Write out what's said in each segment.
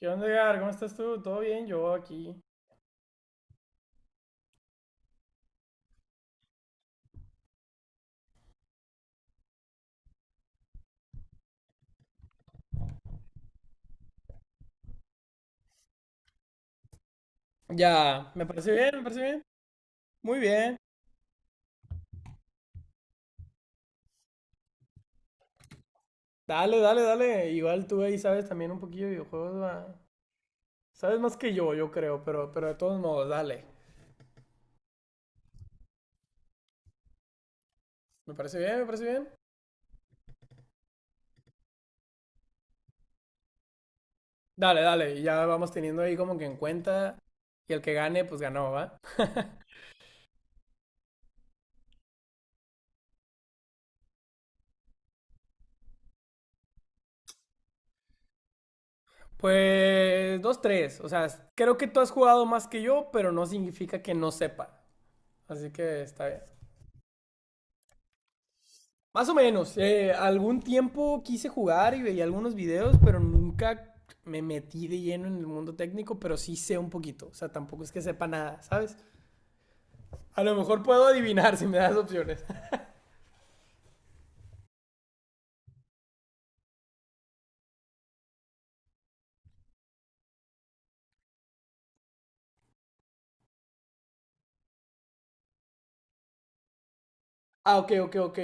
¿Qué onda, Edgar? ¿Cómo estás tú? ¿Todo bien? Yo aquí. Ya, me parece bien, me parece bien. Muy bien. Dale, dale, dale. Igual tú ahí sabes también un poquillo de videojuegos, va. Sabes más que yo creo, pero de todos modos, dale. Me parece bien, me parece bien. Dale, dale. Y ya vamos teniendo ahí como que en cuenta. Y el que gane, pues ganó, ¿va? Pues dos, tres. O sea, creo que tú has jugado más que yo, pero no significa que no sepa. Así que está bien. Más o menos. Algún tiempo quise jugar y veía algunos videos, pero nunca me metí de lleno en el mundo técnico, pero sí sé un poquito. O sea, tampoco es que sepa nada, ¿sabes? A lo mejor puedo adivinar si me das opciones. Ah, ok, ok, ok.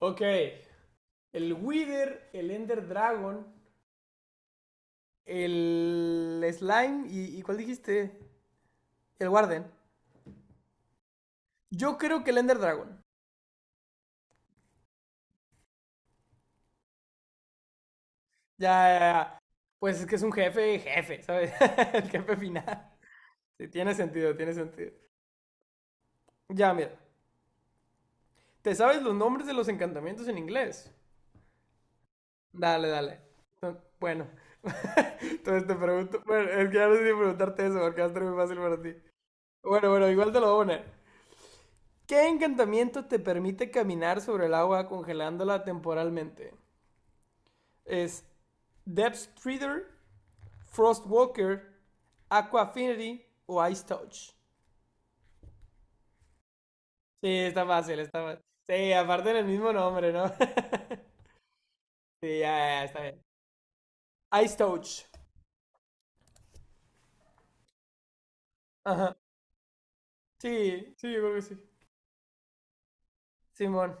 Ok. El Wither, el Ender Dragon, el Slime y ¿cuál dijiste? El Warden. Yo creo que el Ender Dragon. Ya, ya, ya. Pues es que es un jefe, jefe, ¿sabes? El jefe final. Sí, tiene sentido, tiene sentido. Ya, mira. ¿Te sabes los nombres de los encantamientos en inglés? Dale, dale. No, bueno, entonces te pregunto. Bueno, es que ya no sé si preguntarte eso porque va a estar muy fácil para ti. Bueno, bueno, igual te lo voy a poner. ¿Qué encantamiento te permite caminar sobre el agua congelándola temporalmente? ¿Es Depth Treader, Frost Walker, Aqua Affinity o Ice Touch? Sí, está fácil, está fácil. Sí, aparte del mismo nombre, ¿no? Sí, ya, ya, está bien. Ice Touch. Ajá. Sí, sí, yo creo que sí. Simón.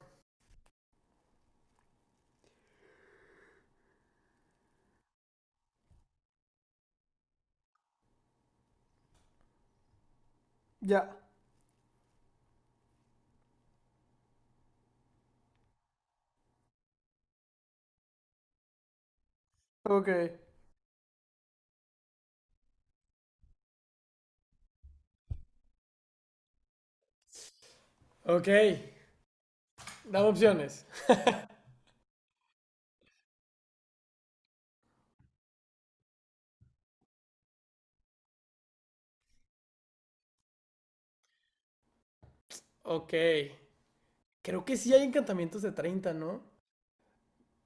Ya. Ok. Ok. Dame opciones. Ok. Creo que sí hay encantamientos de 30, ¿no?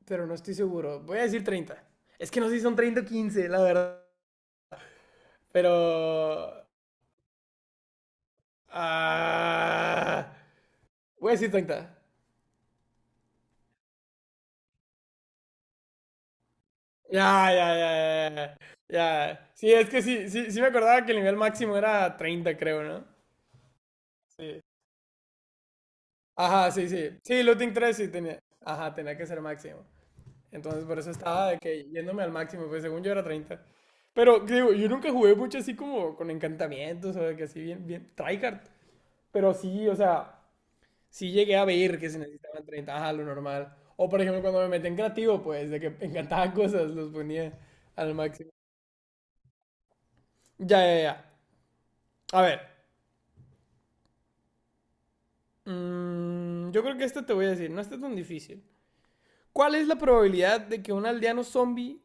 Pero no estoy seguro. Voy a decir 30. Es que no sé si son 30 o 15, la verdad. Pero... Ah, voy a decir 30. Ya, ya, ya, ya, ya. Ya. Sí, es que sí, sí, sí me acordaba que el nivel máximo era 30, creo, ¿no? Sí. Ajá, sí, sí. Sí, looting 3 sí tenía. Ajá, tenía que ser máximo. Entonces por eso estaba de que yéndome al máximo, pues según yo era treinta. Pero digo, yo nunca jugué mucho así como con encantamientos o de que así bien, bien, tryhard. Pero sí, o sea, sí llegué a ver que se necesitaban treinta, ajá, lo normal. O por ejemplo, cuando me metí en creativo, pues de que me encantaban cosas, los ponía al máximo. Ya, ya, ya. A ver. Yo creo que este te voy a decir, no está tan difícil. ¿Cuál es la probabilidad de que un aldeano zombie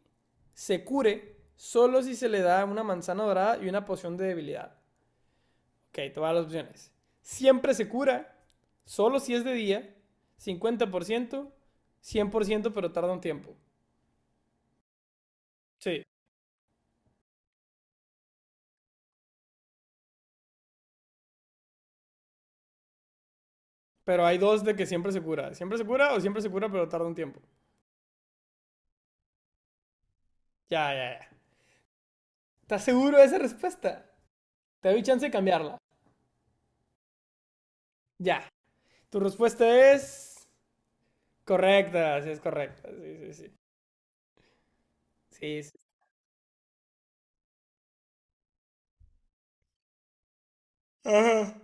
se cure solo si se le da una manzana dorada y una poción de debilidad? Ok, todas las opciones. Siempre se cura, solo si es de día, cincuenta por ciento. Cien por ciento, pero tarda un tiempo. Sí. Pero hay dos de que siempre se cura. Siempre se cura o siempre se cura, pero tarda un tiempo. Ya, ya, ya. ¿Estás seguro de esa respuesta? Te doy chance de cambiarla. Ya. Tu respuesta es correcta. Sí, sí, sí. Sí, sí. Ajá.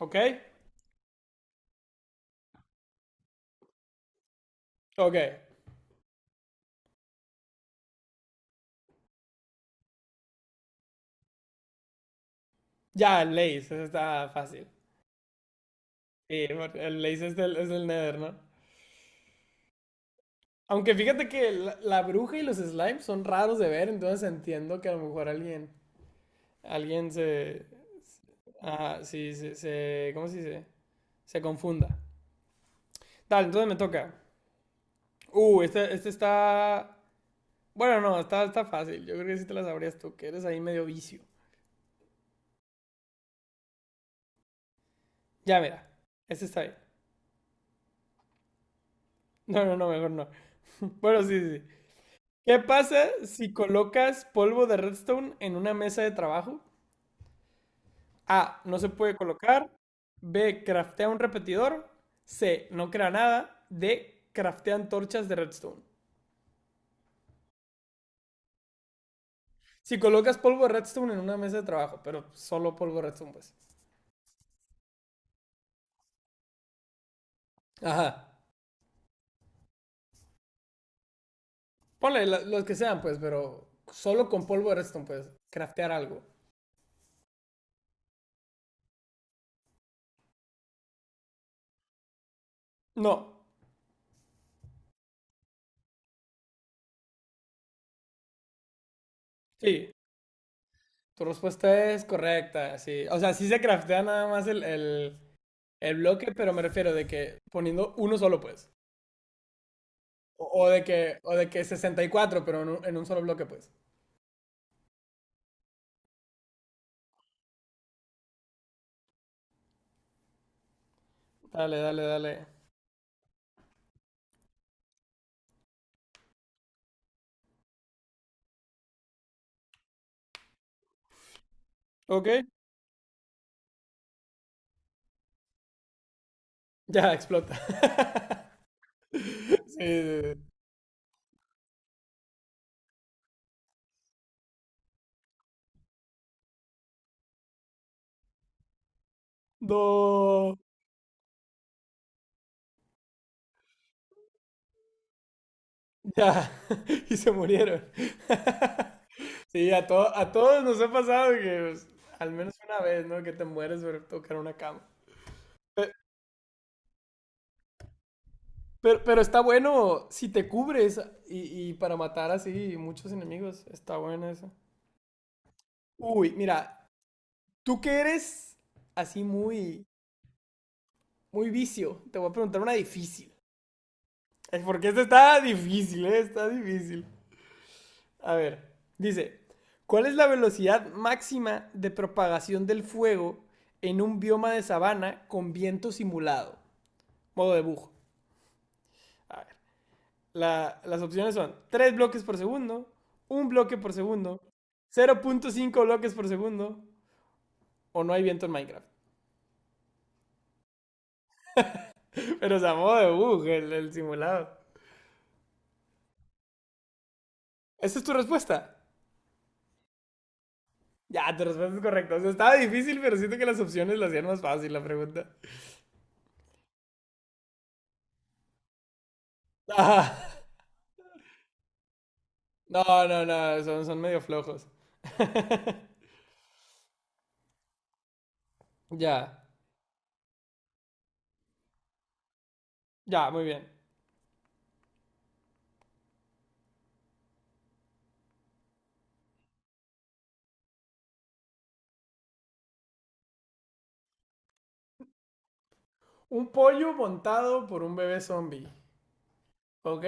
¿Ok? Ok. Ya, el Lace, eso está fácil. Sí, porque el Lace es del Nether, ¿no? Aunque fíjate que la bruja y los slimes son raros de ver, entonces entiendo que a lo mejor alguien, alguien se, ajá, sí, se- ¿cómo se dice? Se confunda. Dale, entonces me toca. Este está, bueno, no, está fácil. Yo creo que sí te la sabrías tú, que eres ahí medio vicio. Ya, mira, este está bien. No, no, no, mejor no. Bueno, sí, sí, sí. ¿Qué pasa si colocas polvo de redstone en una mesa de trabajo? A. No se puede colocar. B. Craftea un repetidor. C. No crea nada. D. Craftea antorchas de redstone. Si colocas polvo de redstone en una mesa de trabajo, pero solo polvo de redstone, pues. Ajá. Ponle la- los que sean, pues, pero solo con polvo de redstone, pues. Craftear algo. No. Sí. Tu respuesta es correcta. Sí. O sea, sí se craftea nada más el bloque, pero me refiero de que poniendo uno solo, pues. O de que, o de que 64, pero en un solo bloque, pues. Dale, dale, dale. Ok. Ya, explota. Sí, sí, sí. Do. Ya. Y se murieron. Sí, a, to- a todos nos ha pasado que pues, al menos una vez, ¿no? Que te mueres por tocar una cama. Pe- Pero, está bueno si te cubres y para matar así muchos enemigos. Está bueno eso. Uy, mira, tú que eres así muy, muy vicio, te voy a preguntar una difícil. Es porque esta está difícil, ¿eh? Está difícil. A ver, dice, ¿cuál es la velocidad máxima de propagación del fuego en un bioma de sabana con viento simulado? Modo de bujo. A ver, la- las opciones son 3 bloques por segundo, un bloque por segundo, cero punto cinco bloques por segundo o no hay viento en Minecraft. Pero, o sea, modo de bug, el simulado. ¿Esa es tu respuesta? Ya, tu respuesta es correcta. O sea, estaba difícil, pero siento que las opciones la hacían más fácil la pregunta. Ah, no, no, no, son medio flojos. Ya, ya, muy bien. Un pollo montado por un bebé zombie. ¿Ok?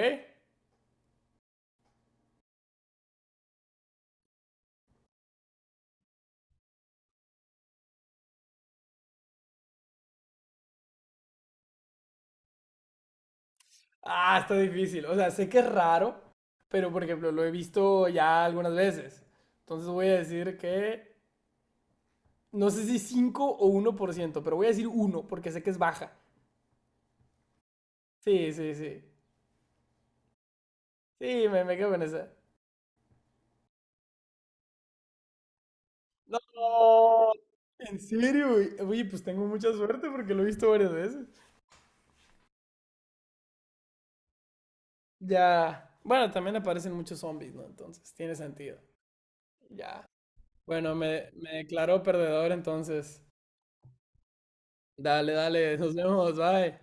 Ah, está difícil. O sea, sé que es raro, pero por ejemplo, lo he visto ya algunas veces. Entonces voy a decir que. No sé si 5 o uno por ciento, pero voy a decir uno porque sé que es baja. Sí, sí, sí. Sí, me quedo con esa. No, ¿en serio, güey? Oye, pues tengo mucha suerte porque lo he visto varias veces. Ya, bueno, también aparecen muchos zombies, ¿no? Entonces, tiene sentido. Ya. Bueno, me declaró perdedor, entonces. Dale, dale, nos vemos, bye.